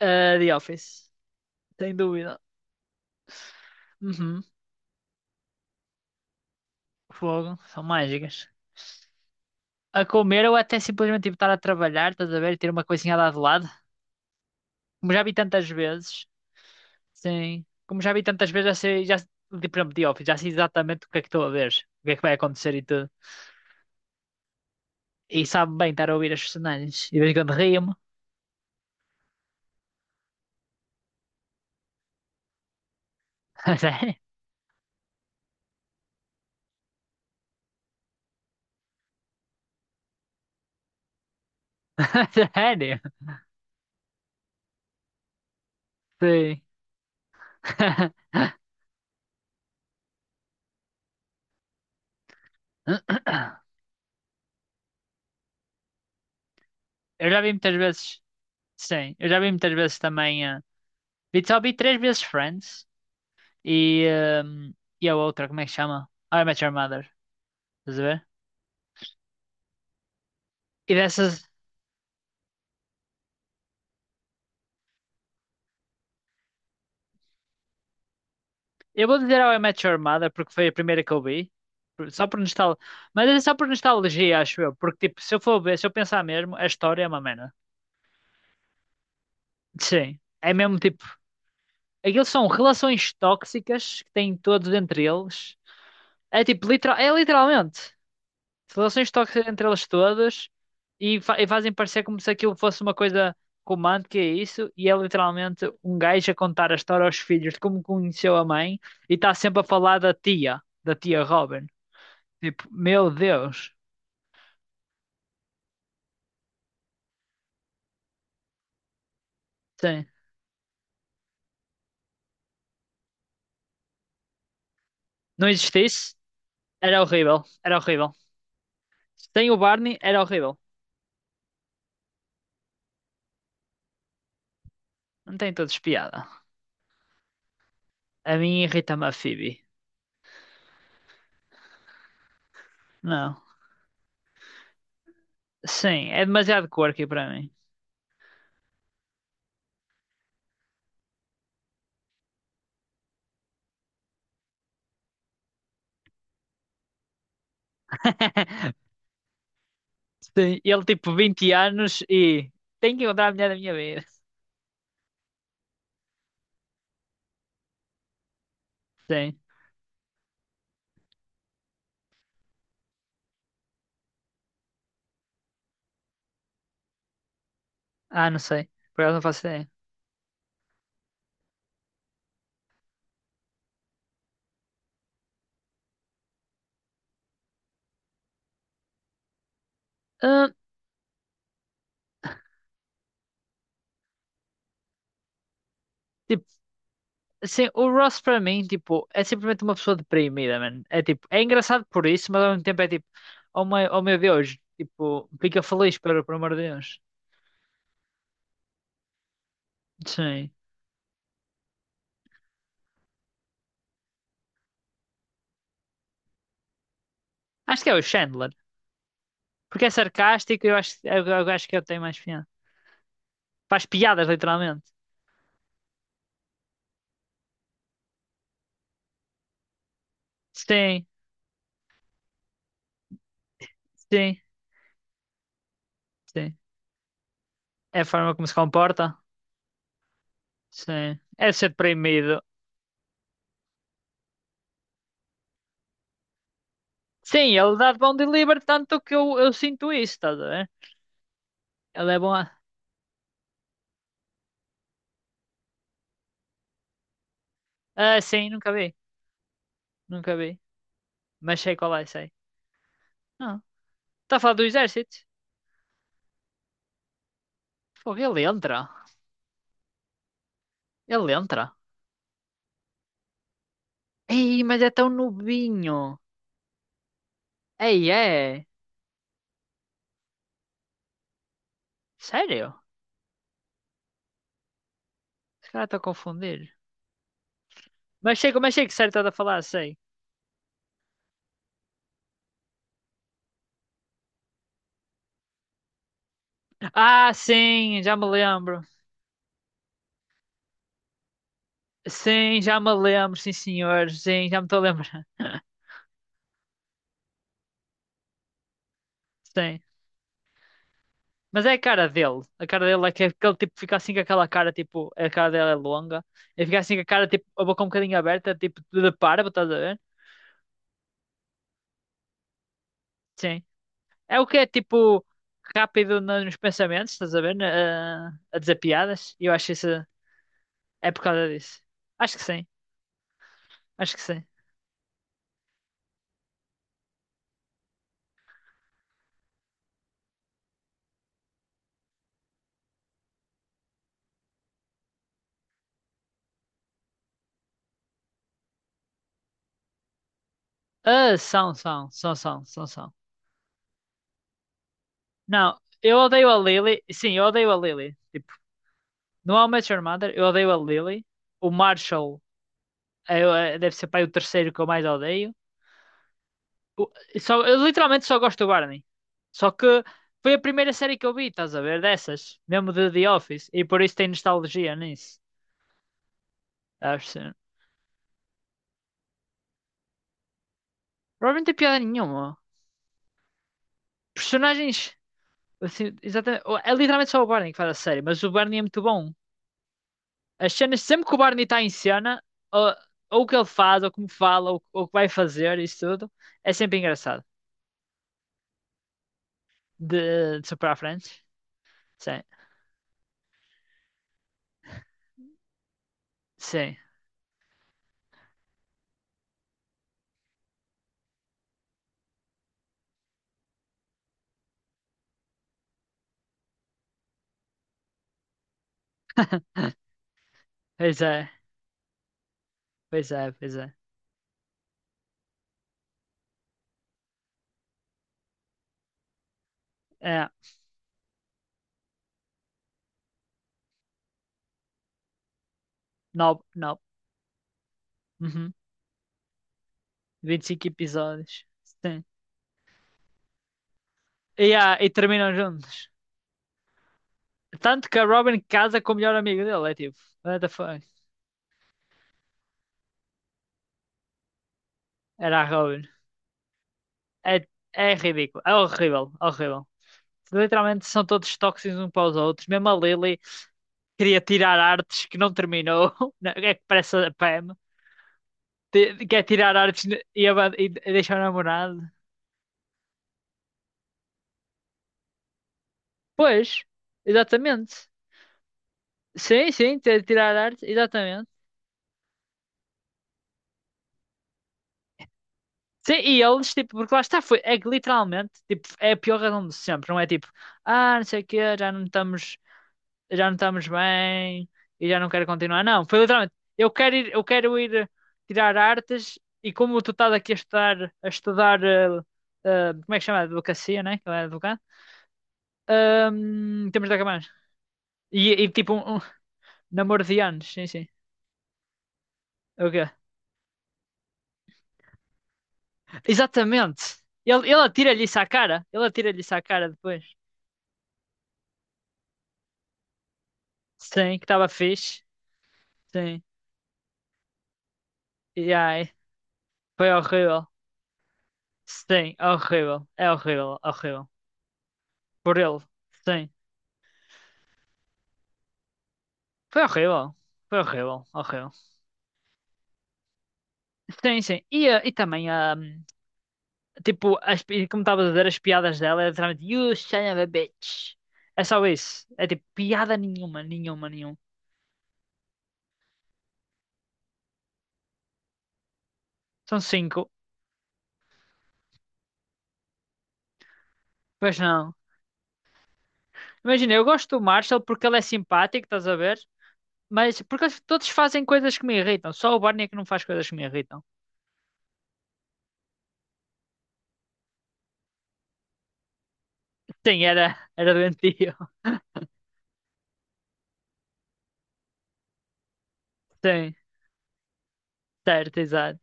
Ah, The Office, sem dúvida. Uhum. Fogo, são mágicas. A comer ou até simplesmente tipo, estar a trabalhar, estás a ver, e ter uma coisinha lá de lado. Como já vi tantas vezes, sim. Como já vi tantas vezes, já sei, já, por exemplo, The Office, já sei exatamente o que é que estou a ver, o que é que vai acontecer e tudo. E sabe bem estar a ouvir as personagens. E de vez em quando rio-me. Sério? Sério? Sim. Eu já vi muitas vezes, sim. Eu já vi muitas vezes também. Só vi três vezes Friends. e, ehm, e a outra, como é que chama? How I Met Your Mother, estás a ver? E dessas, eu vou dizer How I Met Your Mother porque foi a primeira que eu vi, só por nostalgia, mas é só por nostalgia, acho eu, porque tipo, se eu for ver, se eu pensar mesmo, a história é uma merda. Sim, é mesmo tipo, aqueles são relações tóxicas que têm todos entre eles, é tipo, literal, é literalmente. Relações tóxicas entre elas todas e fazem parecer como se aquilo fosse uma coisa romântica, é isso, e é literalmente um gajo a contar a história aos filhos de como conheceu a mãe e está sempre a falar da tia Robin. Tipo, meu Deus. Sim. Não existisse, era horrível, era horrível. Sem o Barney, era horrível. Não tem todos piada. A mim irrita-me a Phoebe. Não. Sim, é demasiado quirky para mim. Sim, ele tipo 20 anos e tem que encontrar a mulher da minha vida. Sim. Ah, não sei. Por acaso não faço ideia. Ah, tipo, assim, o Ross para mim, tipo, é simplesmente uma pessoa deprimida, mano. É tipo, é engraçado por isso, mas ao mesmo tempo é tipo, oh meu Deus, tipo, fica feliz, pelo amor de Deus. Sim. Acho que é o Chandler. Porque é sarcástico e eu acho, eu acho que ele tem mais piada. Faz piadas, literalmente. Sim, sim, sim. É a forma como se comporta. Sim. É ser deprimido. Sim, ele dá de bom delivery, tanto que eu sinto isso, estás a ver? Ele é bom. Ah, sim, nunca vi. Nunca vi. Mas sei qual é, sei. Ah, está a falar do exército? Fogo, ele entra. Ele entra. Ei, mas é tão novinho. Ei, é. Sério? Esse cara está a confundir. Mas sei que sério estás a falar, sei. Ah, sim, já me lembro. Sim, já me lembro, sim, senhor. Sim, já me estou a lembrar. Sim. Mas é a cara dele. A cara dele é que é aquele tipo fica assim com aquela cara, tipo, a cara dele é longa. Ele fica assim com a cara, tipo, a boca um bocadinho aberta, tipo, de parvo, estás a ver? Sim. É o que é, tipo, rápido nos pensamentos, estás a ver? A dizer piadas. E eu acho isso. É por causa disso. Acho que sim. Acho que sim. Ah, são, são, são, são, são, são. Não, eu odeio a Lily. Sim, eu odeio a Lily. Tipo, no How I Met Your Mother, eu odeio a Lily. O Marshall é, deve ser pai o terceiro que eu mais odeio. o- Só, eu literalmente só gosto do Barney. Só que foi a primeira série que eu vi, estás a ver? Dessas. Mesmo de The Office. E por isso tem nostalgia nisso. Acho que provavelmente tem piada nenhuma. Personagens. Assim, exatamente. É literalmente só o Barney que faz a série, mas o Barney é muito bom. As cenas, sempre que o Barney está em cena, ou, ou o que ele faz, ou como fala, ou o que vai fazer, isso tudo, é sempre engraçado. De super à frente. Sim. Sim. Pois é. Pois é, pois é. É. Não, não. 25 episódios. Sim. E, ah, e terminam juntos. Tanto que a Robin casa com o melhor amigo dele. É tipo, what the fuck? Era a Robin. É, é ridículo. É horrível. Horrível. Literalmente são todos tóxicos uns para os outros. Mesmo a Lily queria tirar artes que não terminou. Não, é que parece a Pam. Quer tirar artes e deixar o namorado. Pois, exatamente. Sim, sim, tirar artes, exatamente. Sim, e eles, tipo, porque lá está, foi, é que literalmente, tipo, é a pior razão de sempre, não é tipo, ah, não sei o quê, já não estamos bem e já não quero continuar. Não, foi literalmente, eu quero ir tirar artes e como tu estás aqui a estudar, como é que chama? Advocacia, né? Que eu era advogado. Temos de acabar. E tipo, um namoro de anos, sim, sim. É o quê? Exatamente. Ele atira-lhe isso à cara, ele atira-lhe isso à cara depois. Sim, que estava fixe. Sim. E ai, foi horrível. Sim, horrível. É horrível, horrível. Por ele. Sim. Foi horrível. Foi horrível, horrível. Sim, sim. E, e também, ah, tipo, como estava a dizer, as piadas dela é literalmente You son of a bitch. É só isso. É tipo, piada nenhuma, nenhuma, nenhuma. São cinco. Pois não. Imagina, eu gosto do Marshall porque ele é simpático, estás a ver? Mas porque eles todos fazem coisas que me irritam. Só o Barney é que não faz coisas que me irritam. Sim, era, era doentio. Sim, certo, exato.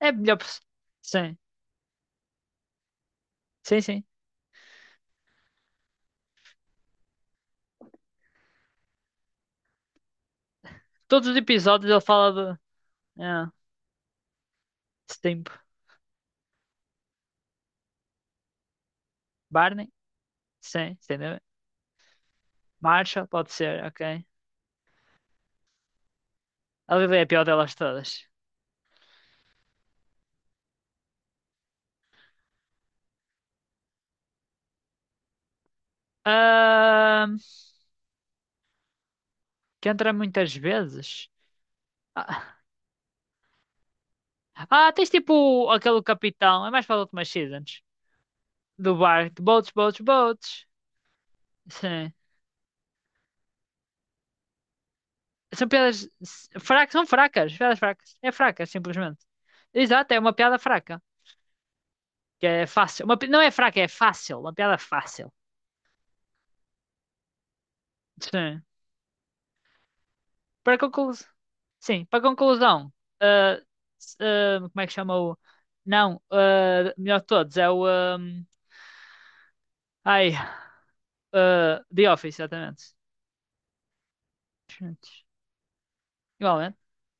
É melhor. Sim, sim, sim. Todos os episódios ele fala de. É, Stimp. Barney? Sim, entendeu? Marshall, pode ser, ok. A Lily é a pior delas todas. Ahn, que entra muitas vezes. Ah, ah, tens tipo aquele capitão, é mais para as últimas seasons. Do bar, de boats, boats, boats. Sim. Fracas, são fracas, piadas fracas. É fraca, simplesmente. Exato, é uma piada fraca. Que é fácil. Não é fraca, é fácil. Uma piada fácil. Sim. Para conclu... Sim, para conclusão, ah, ah, como é que chama o. Não, ah, melhor de todos, é o. ah, ai, ah, The Office, exatamente. Excelente. Igualmente.